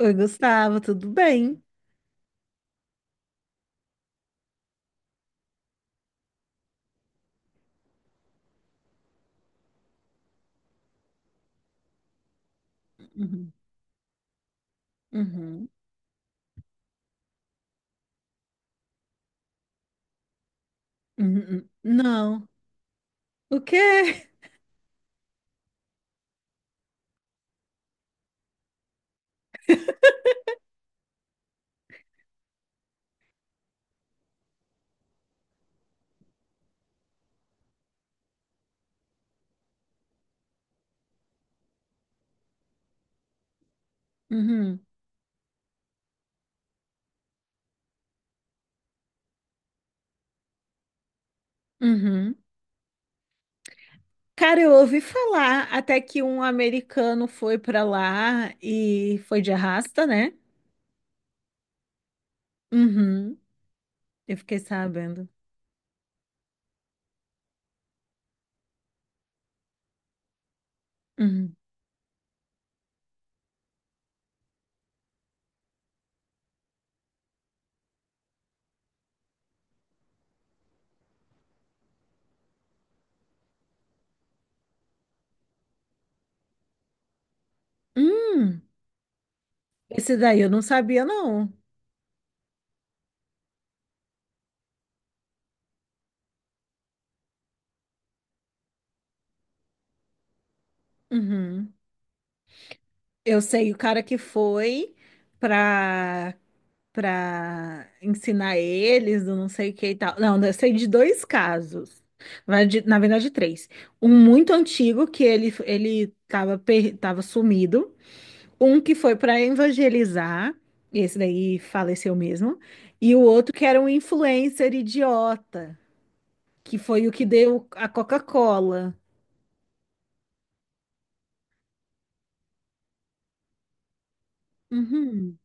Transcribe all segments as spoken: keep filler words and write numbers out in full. Oi, Gustavo, tudo bem? Uhum. Uhum. Uhum. Não. O quê? Uhum. Uhum. Cara, eu ouvi falar até que um americano foi pra lá e foi de arrasta, né? Uhum. Eu fiquei sabendo. Uhum. Hum, esse daí eu não sabia, não. Uhum. Eu sei o cara que foi pra para ensinar eles, do não sei o que e tal. Não, eu sei de dois casos. Na verdade, na verdade, três. Um muito antigo, que ele ele estava per... tava sumido. Um que foi para evangelizar, e esse daí faleceu mesmo. E o outro que era um influencer idiota, que foi o que deu a Coca-Cola. Uhum.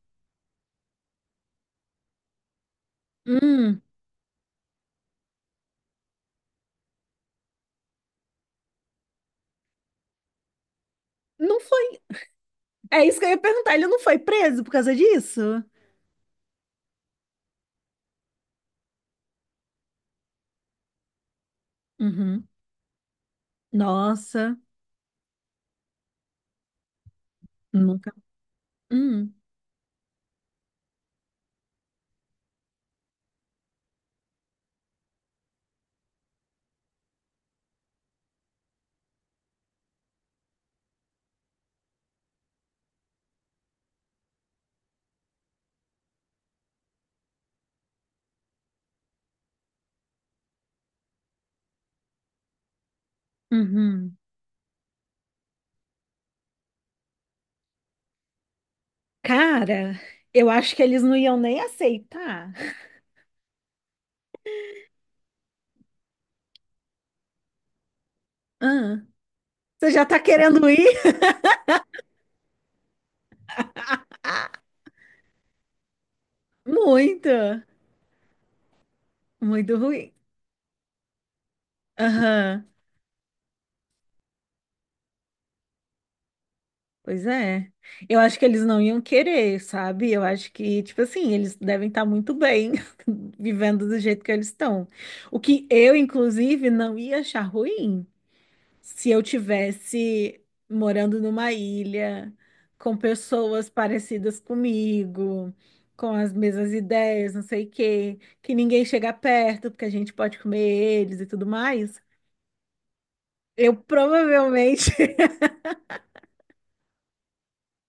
Hum. Não foi. É isso que eu ia perguntar. Ele não foi preso por causa disso? Uhum. Nossa, nunca. Hum. Uhum. Cara, eu acho que eles não iam nem aceitar. Ah, você já tá querendo ir? Muito, muito ruim. Aham, pois é. Eu acho que eles não iam querer, sabe? Eu acho que, tipo assim, eles devem estar muito bem vivendo do jeito que eles estão. O que eu, inclusive, não ia achar ruim, se eu tivesse morando numa ilha com pessoas parecidas comigo, com as mesmas ideias, não sei o quê, que ninguém chega perto, porque a gente pode comer eles e tudo mais, eu provavelmente,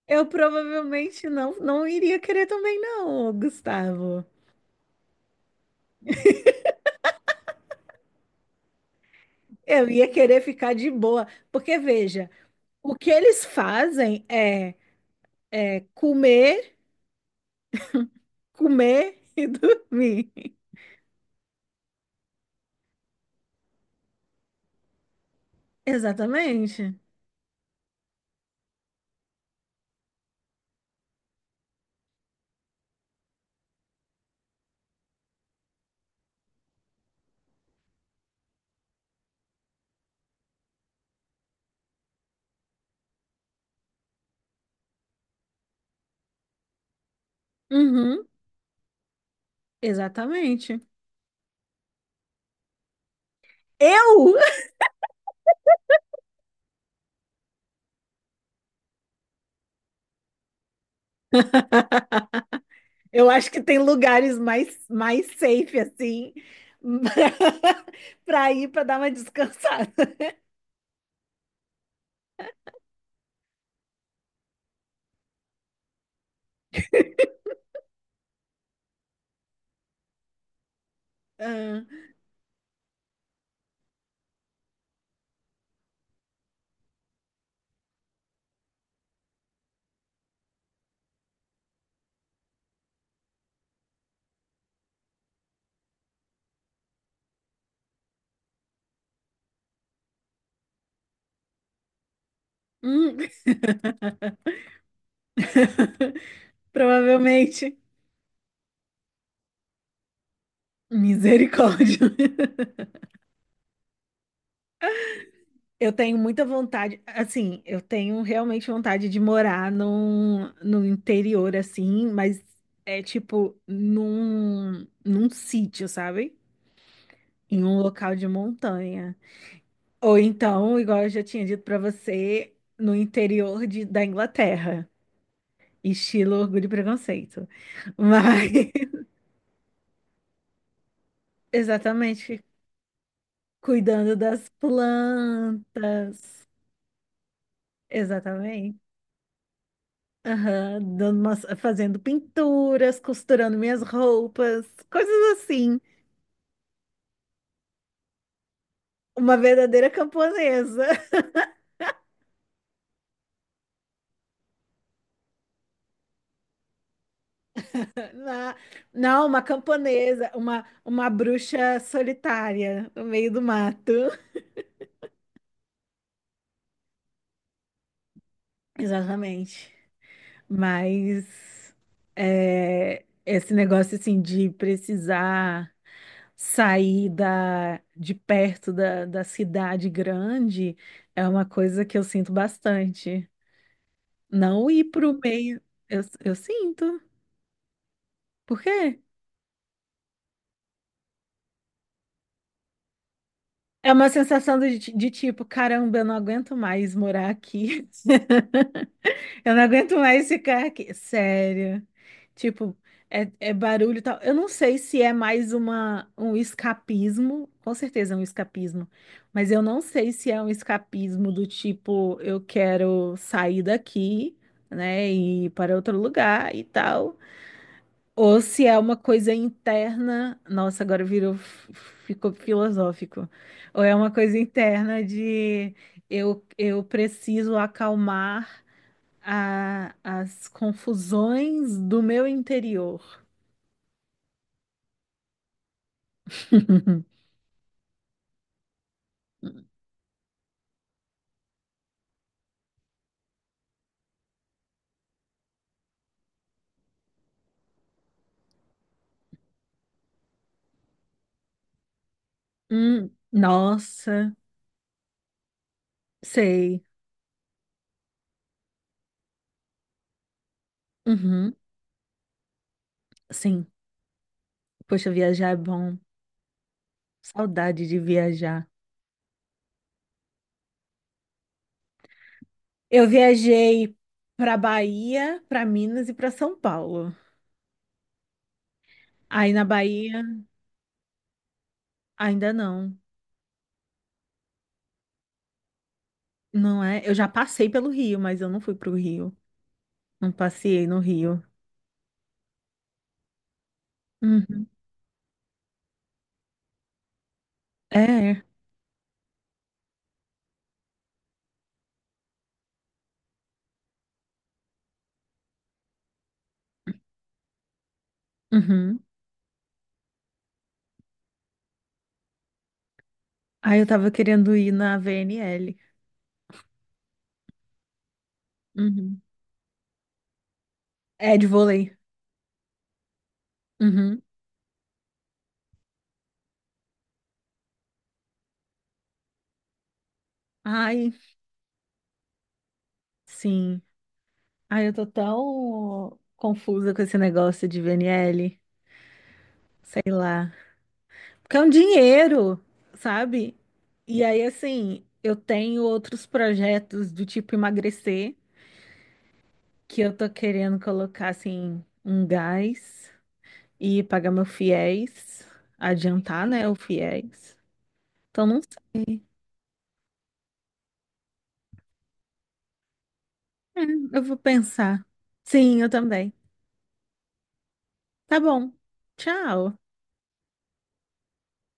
eu provavelmente não, não iria querer também não, Gustavo. Eu ia querer ficar de boa, porque veja, o que eles fazem é, é comer, comer e dormir. Exatamente. Uhum. Exatamente. Eu? Eu acho que tem lugares mais, mais safe, assim, para ir para dar uma descansada. Ah, hum. Provavelmente. Misericórdia. Eu tenho muita vontade, assim, eu tenho realmente vontade de morar num, no interior, assim, mas é tipo num, num sítio, sabe? Em um local de montanha. Ou então, igual eu já tinha dito pra você, no interior de- da Inglaterra, estilo Orgulho e Preconceito. Mas, exatamente, cuidando das plantas. Exatamente. Aham, dando umas- fazendo pinturas, costurando minhas roupas, coisas assim. Uma verdadeira camponesa. Na- não, uma camponesa, uma, uma bruxa solitária no meio do mato. Exatamente. Mas é, esse negócio assim de precisar sair da, de perto da, da cidade grande é uma coisa que eu sinto bastante. Não ir para o meio, eu, eu sinto. Por quê? É uma sensação de, de tipo, caramba, eu não aguento mais morar aqui. Eu não aguento mais ficar aqui. Sério. Tipo, é, é barulho e tal. Eu não sei se é mais uma, um escapismo. Com certeza é um escapismo. Mas eu não sei se é um escapismo do tipo, eu quero sair daqui, né? E ir para outro lugar e tal. Ou se é uma coisa interna. Nossa, agora virou, ficou filosófico. Ou é uma coisa interna de eu, eu preciso acalmar a- as confusões do meu interior. Hum, nossa, sei. Uhum, sim. Poxa, viajar é bom. Saudade de viajar. Eu viajei para Bahia, para Minas e para São Paulo. Aí na Bahia, ainda não. Não é? Eu já passei pelo Rio, mas eu não fui pro Rio. Não passei no Rio. Uhum. É. É. Uhum. Aí eu tava querendo ir na V N L. Uhum. É de vôlei. Uhum. Ai, sim. Ai, eu tô tão confusa com esse negócio de V N L, sei lá. Porque é um dinheiro, sabe? E aí, assim, eu tenho outros projetos do tipo emagrecer, que eu tô querendo colocar, assim, um gás e pagar meu fiéis, adiantar, né, o fiéis. Então, não sei. É, eu vou pensar. Sim, eu também. Tá bom. Tchau.